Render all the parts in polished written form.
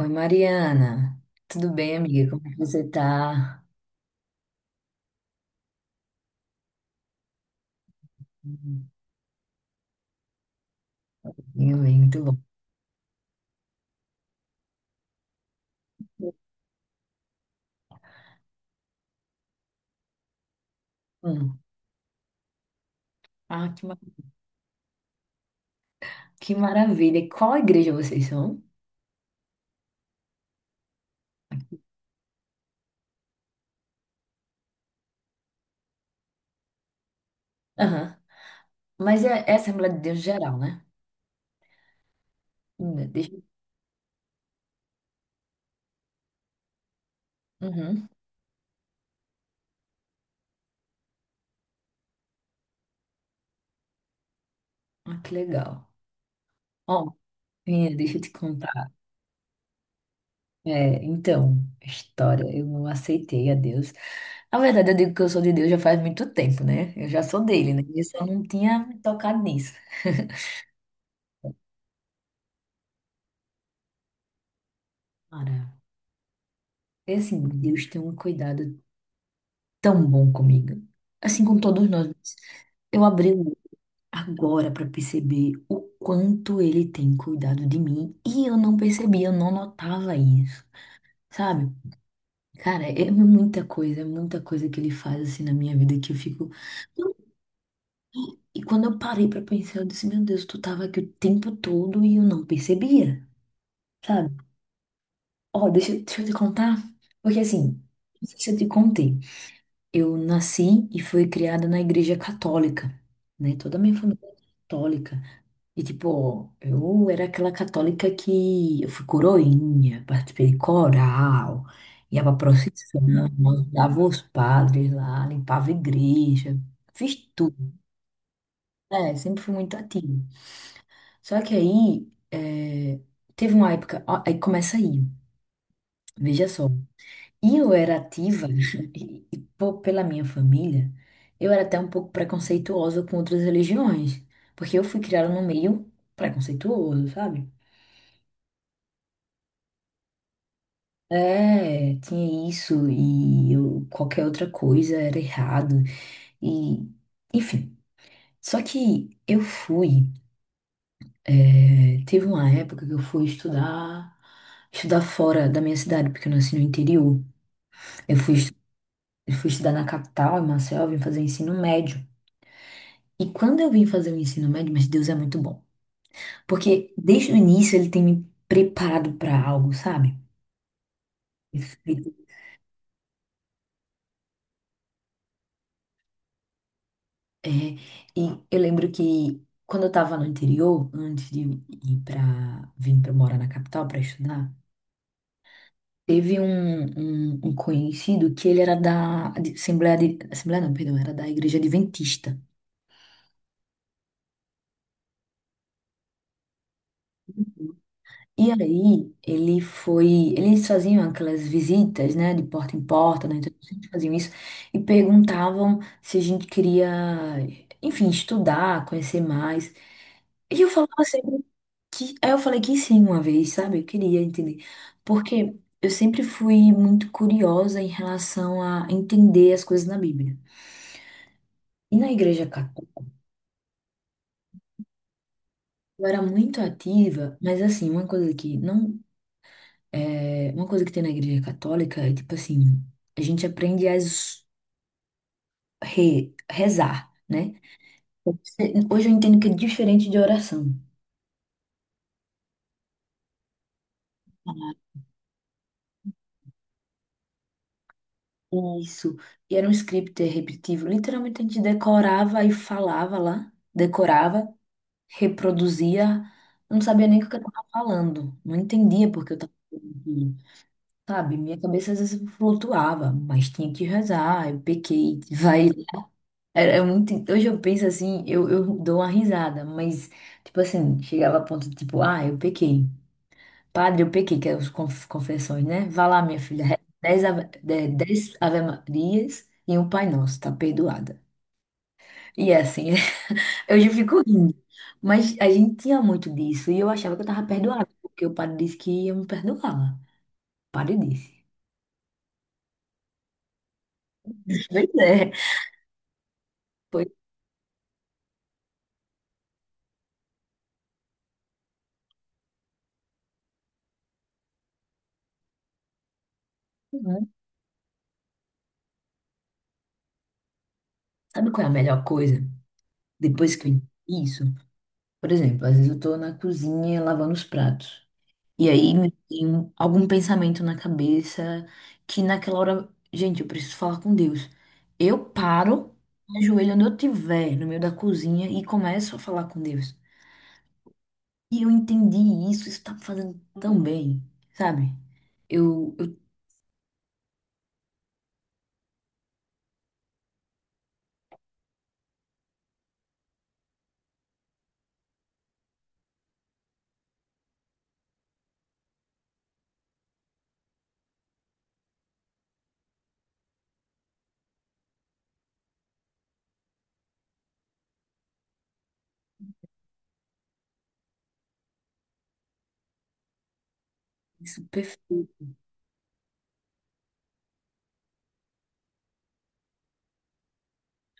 Oi, Mariana. Tudo bem, amiga? Como é que você tá? Hum. Eu bem, muito bom. Hum. Ah, que maravilha. E qual igreja vocês são? Aham. Mas é Assembleia de Deus geral, né? Hum. Deixa. Uhum. Ah, que legal. Ó, menina, deixa eu te contar. É, então, história, eu não aceitei a Deus. Na verdade, eu digo que eu sou de Deus já faz muito tempo, né? Eu já sou dele, né? Eu só não tinha me tocado nisso. Cara, é assim, Deus tem um cuidado tão bom comigo. Assim, com todos nós. Eu abri o- Agora para perceber o quanto ele tem cuidado de mim e eu não percebia, eu não notava isso, sabe? Cara, é muita coisa que ele faz assim na minha vida que eu fico. E e quando eu parei para pensar, eu disse: Meu Deus, tu tava aqui o tempo todo e eu não percebia, sabe? Ó, deixa eu te contar, porque assim, não sei se eu te contei. Eu nasci e fui criada na igreja católica, né? Toda a minha família é católica. E, tipo, eu era aquela católica que eu fui coroinha, participei de coral, ia pra procissão, ajudava os padres lá, limpava a igreja, fiz tudo, né? Sempre fui muito ativa. Só que aí, teve uma época, ó, aí começa aí, veja só. E eu era ativa, pela minha família, eu era até um pouco preconceituosa com outras religiões, porque eu fui criada num meio preconceituoso, sabe? É, tinha isso, e qualquer outra coisa era errado, e enfim. Só que teve uma época que eu fui estudar fora da minha cidade, porque eu nasci no interior. Eu fui, estu- eu fui estudar na capital, em Maceió, eu vim fazer ensino médio. E quando eu vim fazer o ensino médio, mas Deus é muito bom. Porque desde o início ele tem me preparado para algo, sabe? Perfeito. É, e eu lembro que quando eu estava no interior, antes de ir para vir para morar na capital para estudar, teve um conhecido que ele era da Assembleia de, Assembleia não, perdão, era da Igreja Adventista. E aí, ele foi. Eles faziam aquelas visitas, né, de porta em porta, né? Então, eles faziam isso e perguntavam se a gente queria, enfim, estudar, conhecer mais. E eu falava sempre que. Aí eu falei que sim, uma vez, sabe? Eu queria entender. Porque eu sempre fui muito curiosa em relação a entender as coisas na Bíblia. E na Igreja Católica, eu era muito ativa, mas assim, uma coisa que não. É, uma coisa que tem na igreja católica é tipo assim, a gente aprende a rezar, né? Hoje eu entendo que é diferente de oração. Isso. E era um script repetitivo. Literalmente a gente decorava e falava lá, decorava, reproduzia. Eu não sabia nem o que eu estava falando. Não entendia porque eu estava falando aquilo. Sabe, minha cabeça às vezes flutuava, mas tinha que rezar. Eu pequei, vai. Era é muito, hoje eu penso assim, eu dou uma risada, mas, tipo assim, chegava a ponto de tipo, ah, eu pequei. Padre, eu pequei, que é os confessões, né? Vá lá, minha filha, reza dez Ave Marias e um Pai Nosso, tá perdoada. E é assim, eu já fico rindo. Mas a gente tinha muito disso e eu achava que eu tava perdoada, porque o padre disse que ia me perdoar. O padre disse. Pois é. Pois, é. Sabe qual é a melhor coisa? Depois que eu entendi isso. Por exemplo, às vezes eu tô na cozinha lavando os pratos. E aí me tem algum pensamento na cabeça que naquela hora, gente, eu preciso falar com Deus. Eu paro, me ajoelho onde eu estiver, no meio da cozinha, e começo a falar com Deus. E eu entendi isso, isso tá me fazendo tão bem, sabe? Eu, eu, isso é perfeito.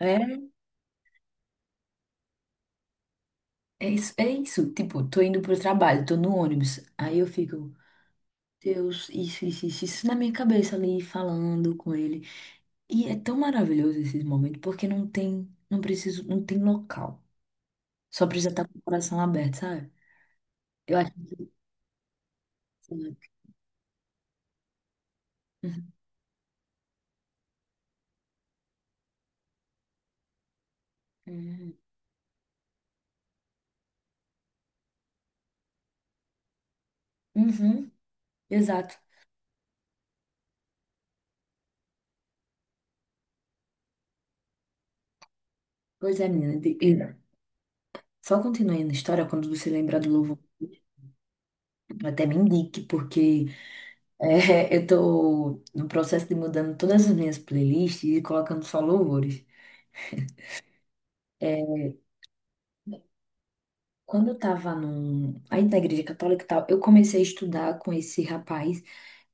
É, é isso, é isso. Tipo, tô indo pro trabalho, tô no ônibus. Aí eu fico, Deus, isso na minha cabeça ali, falando com ele. E é tão maravilhoso esses momentos, porque não tem, não preciso, não tem local. Só precisa estar com o coração aberto, sabe? Eu acho que. Uhum. Uhum. Uhum. Exato. Pois é, menina. Só continuando a história, quando você lembrar do louvor, até me indique, porque é, eu tô no processo de mudando todas as minhas playlists e colocando só louvores. É, quando eu tava aí na igreja católica e tal, eu comecei a estudar com esse rapaz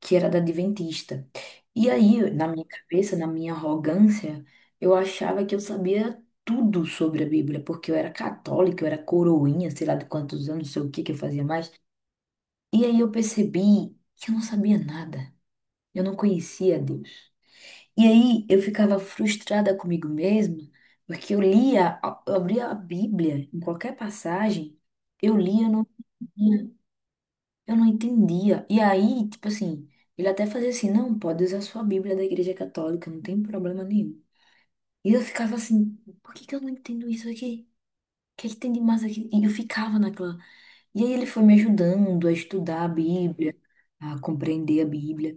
que era da Adventista. E aí, na minha cabeça, na minha arrogância, eu achava que eu sabia tudo sobre a Bíblia, porque eu era católica, eu era coroinha, sei lá de quantos anos, não sei o que que eu fazia mais. E aí eu percebi que eu não sabia nada. Eu não conhecia Deus. E aí eu ficava frustrada comigo mesma, porque eu lia, eu abria a Bíblia em qualquer passagem, eu lia. Sim. Eu não entendia. E aí, tipo assim, ele até fazia assim, não, pode usar sua Bíblia da Igreja Católica, não tem problema nenhum. E eu ficava assim, por que que eu não entendo isso aqui? O que é que tem de mais aqui? E eu ficava naquela. E aí ele foi me ajudando a estudar a Bíblia, a compreender a Bíblia,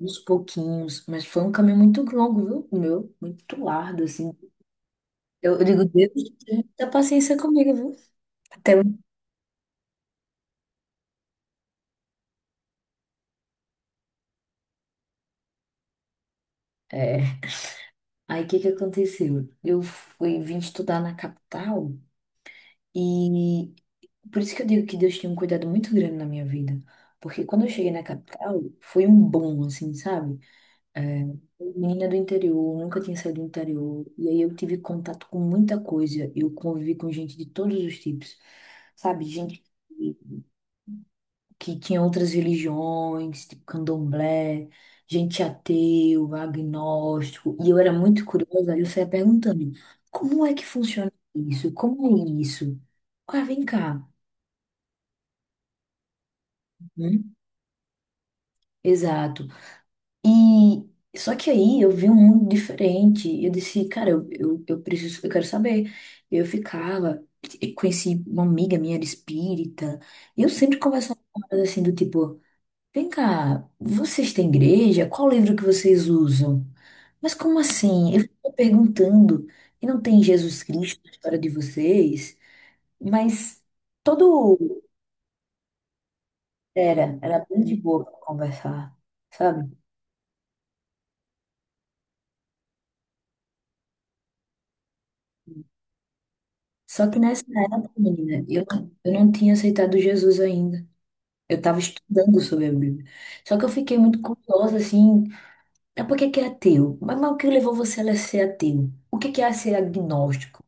aos pouquinhos. Mas foi um caminho muito longo, viu? O meu, muito largo, assim. Eu digo, Deus, tenha paciência comigo, viu? Até. É. Aí o que que aconteceu? Eu fui vim estudar na capital. E por isso que eu digo que Deus tinha um cuidado muito grande na minha vida. Porque quando eu cheguei na capital, foi um boom, assim, sabe? É, menina do interior, nunca tinha saído do interior. E aí eu tive contato com muita coisa. Eu convivi com gente de todos os tipos, sabe? Gente que, que tinha outras religiões, tipo candomblé, gente ateu, agnóstico. E eu era muito curiosa, aí eu saía perguntando: como é que funciona isso? Como é isso? Ah, vem cá, né? Exato. E só que aí eu vi um mundo diferente. Eu disse, cara, eu preciso, eu quero saber. Eu ficava, e conheci uma amiga minha era espírita. E eu sempre conversava com ela assim do tipo, vem cá, vocês têm igreja? Qual livro que vocês usam? Mas como assim? Eu fico perguntando, e não tem Jesus Cristo na história de vocês? Mas todo era bem de boa para conversar, sabe? Só que nessa época, menina, eu não tinha aceitado Jesus ainda. Eu estava estudando sobre a Bíblia. Só que eu fiquei muito curiosa, assim, é por que que é ateu? Mas o que levou você a ser ateu? O que que é ser agnóstico?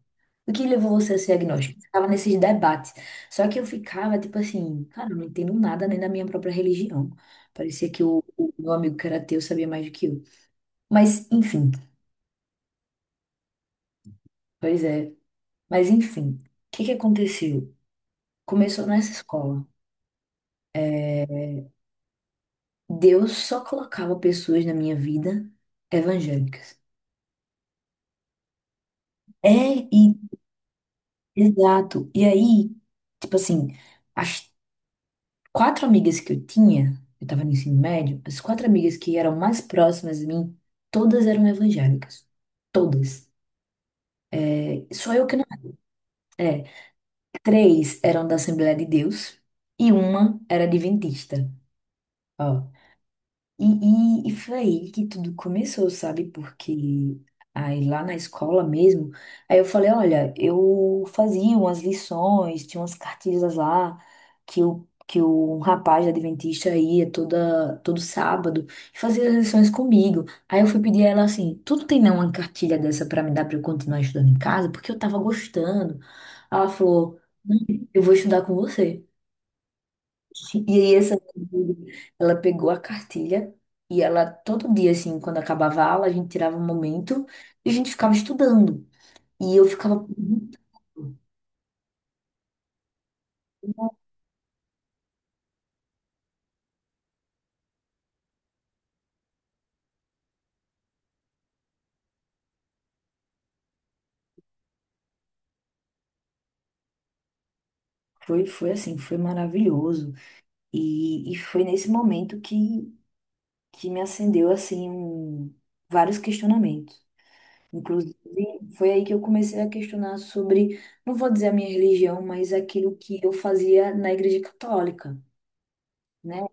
O que levou você a ser agnóstico? Eu ficava nesses debates. Só que eu ficava, tipo assim, cara, eu não entendo nada nem da minha própria religião. Parecia que o meu amigo que era ateu sabia mais do que eu. Mas, enfim, pois é. Mas, enfim, o que que aconteceu? Começou nessa escola. Deus só colocava pessoas na minha vida evangélicas. É, e exato. E aí, tipo assim, as quatro amigas que eu tinha, eu tava no ensino médio, as quatro amigas que eram mais próximas de mim, todas eram evangélicas. Todas. É, só eu que não. É, três eram da Assembleia de Deus e uma era adventista. Ó. E foi aí que tudo começou, sabe? Porque aí lá na escola mesmo, aí eu falei, olha, eu fazia umas lições, tinha umas cartilhas lá que o rapaz adventista ia toda todo sábado e fazia as lições comigo. Aí eu fui pedir a ela assim, tu não tem não uma cartilha dessa pra me dar pra eu continuar estudando em casa? Porque eu tava gostando. Ela falou, "Não, eu vou estudar com você." E aí essa minha amiga, ela pegou a cartilha e ela todo dia assim, quando acabava a aula, a gente tirava um momento e a gente ficava estudando. E eu ficava perguntando. Foi assim, foi maravilhoso. E foi nesse momento que me acendeu assim vários questionamentos. Inclusive, foi aí que eu comecei a questionar sobre, não vou dizer a minha religião, mas aquilo que eu fazia na igreja católica, né?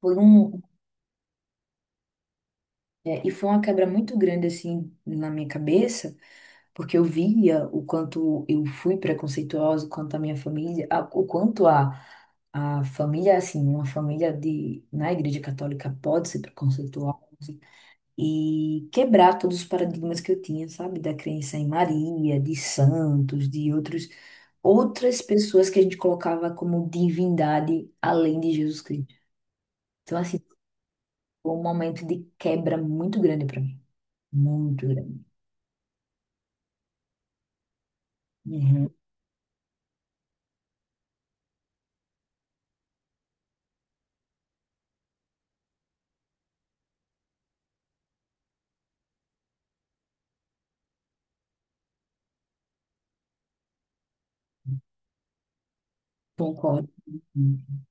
Por um É, e foi uma quebra muito grande, assim, na minha cabeça, porque eu via o quanto eu fui preconceituosa, o quanto a minha família, o quanto a família, assim, uma família de, na Igreja Católica pode ser preconceituosa, e quebrar todos os paradigmas que eu tinha, sabe? Da crença em Maria, de santos, de outros, outras pessoas que a gente colocava como divindade além de Jesus Cristo. Então, assim, foi um momento de quebra muito grande para mim, muito grande. Uhum. Concordo. Uhum.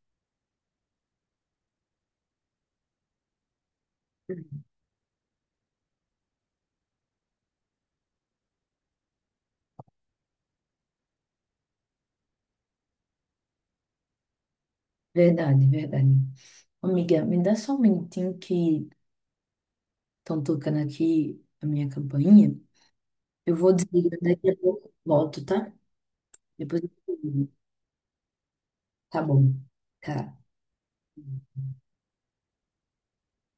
Verdade, verdade. Amiga, me dá só um minutinho que estão tocando aqui a minha campainha. Eu vou desligar daqui a pouco, volto, tá? Depois eu te ligo. Tá bom. Tá.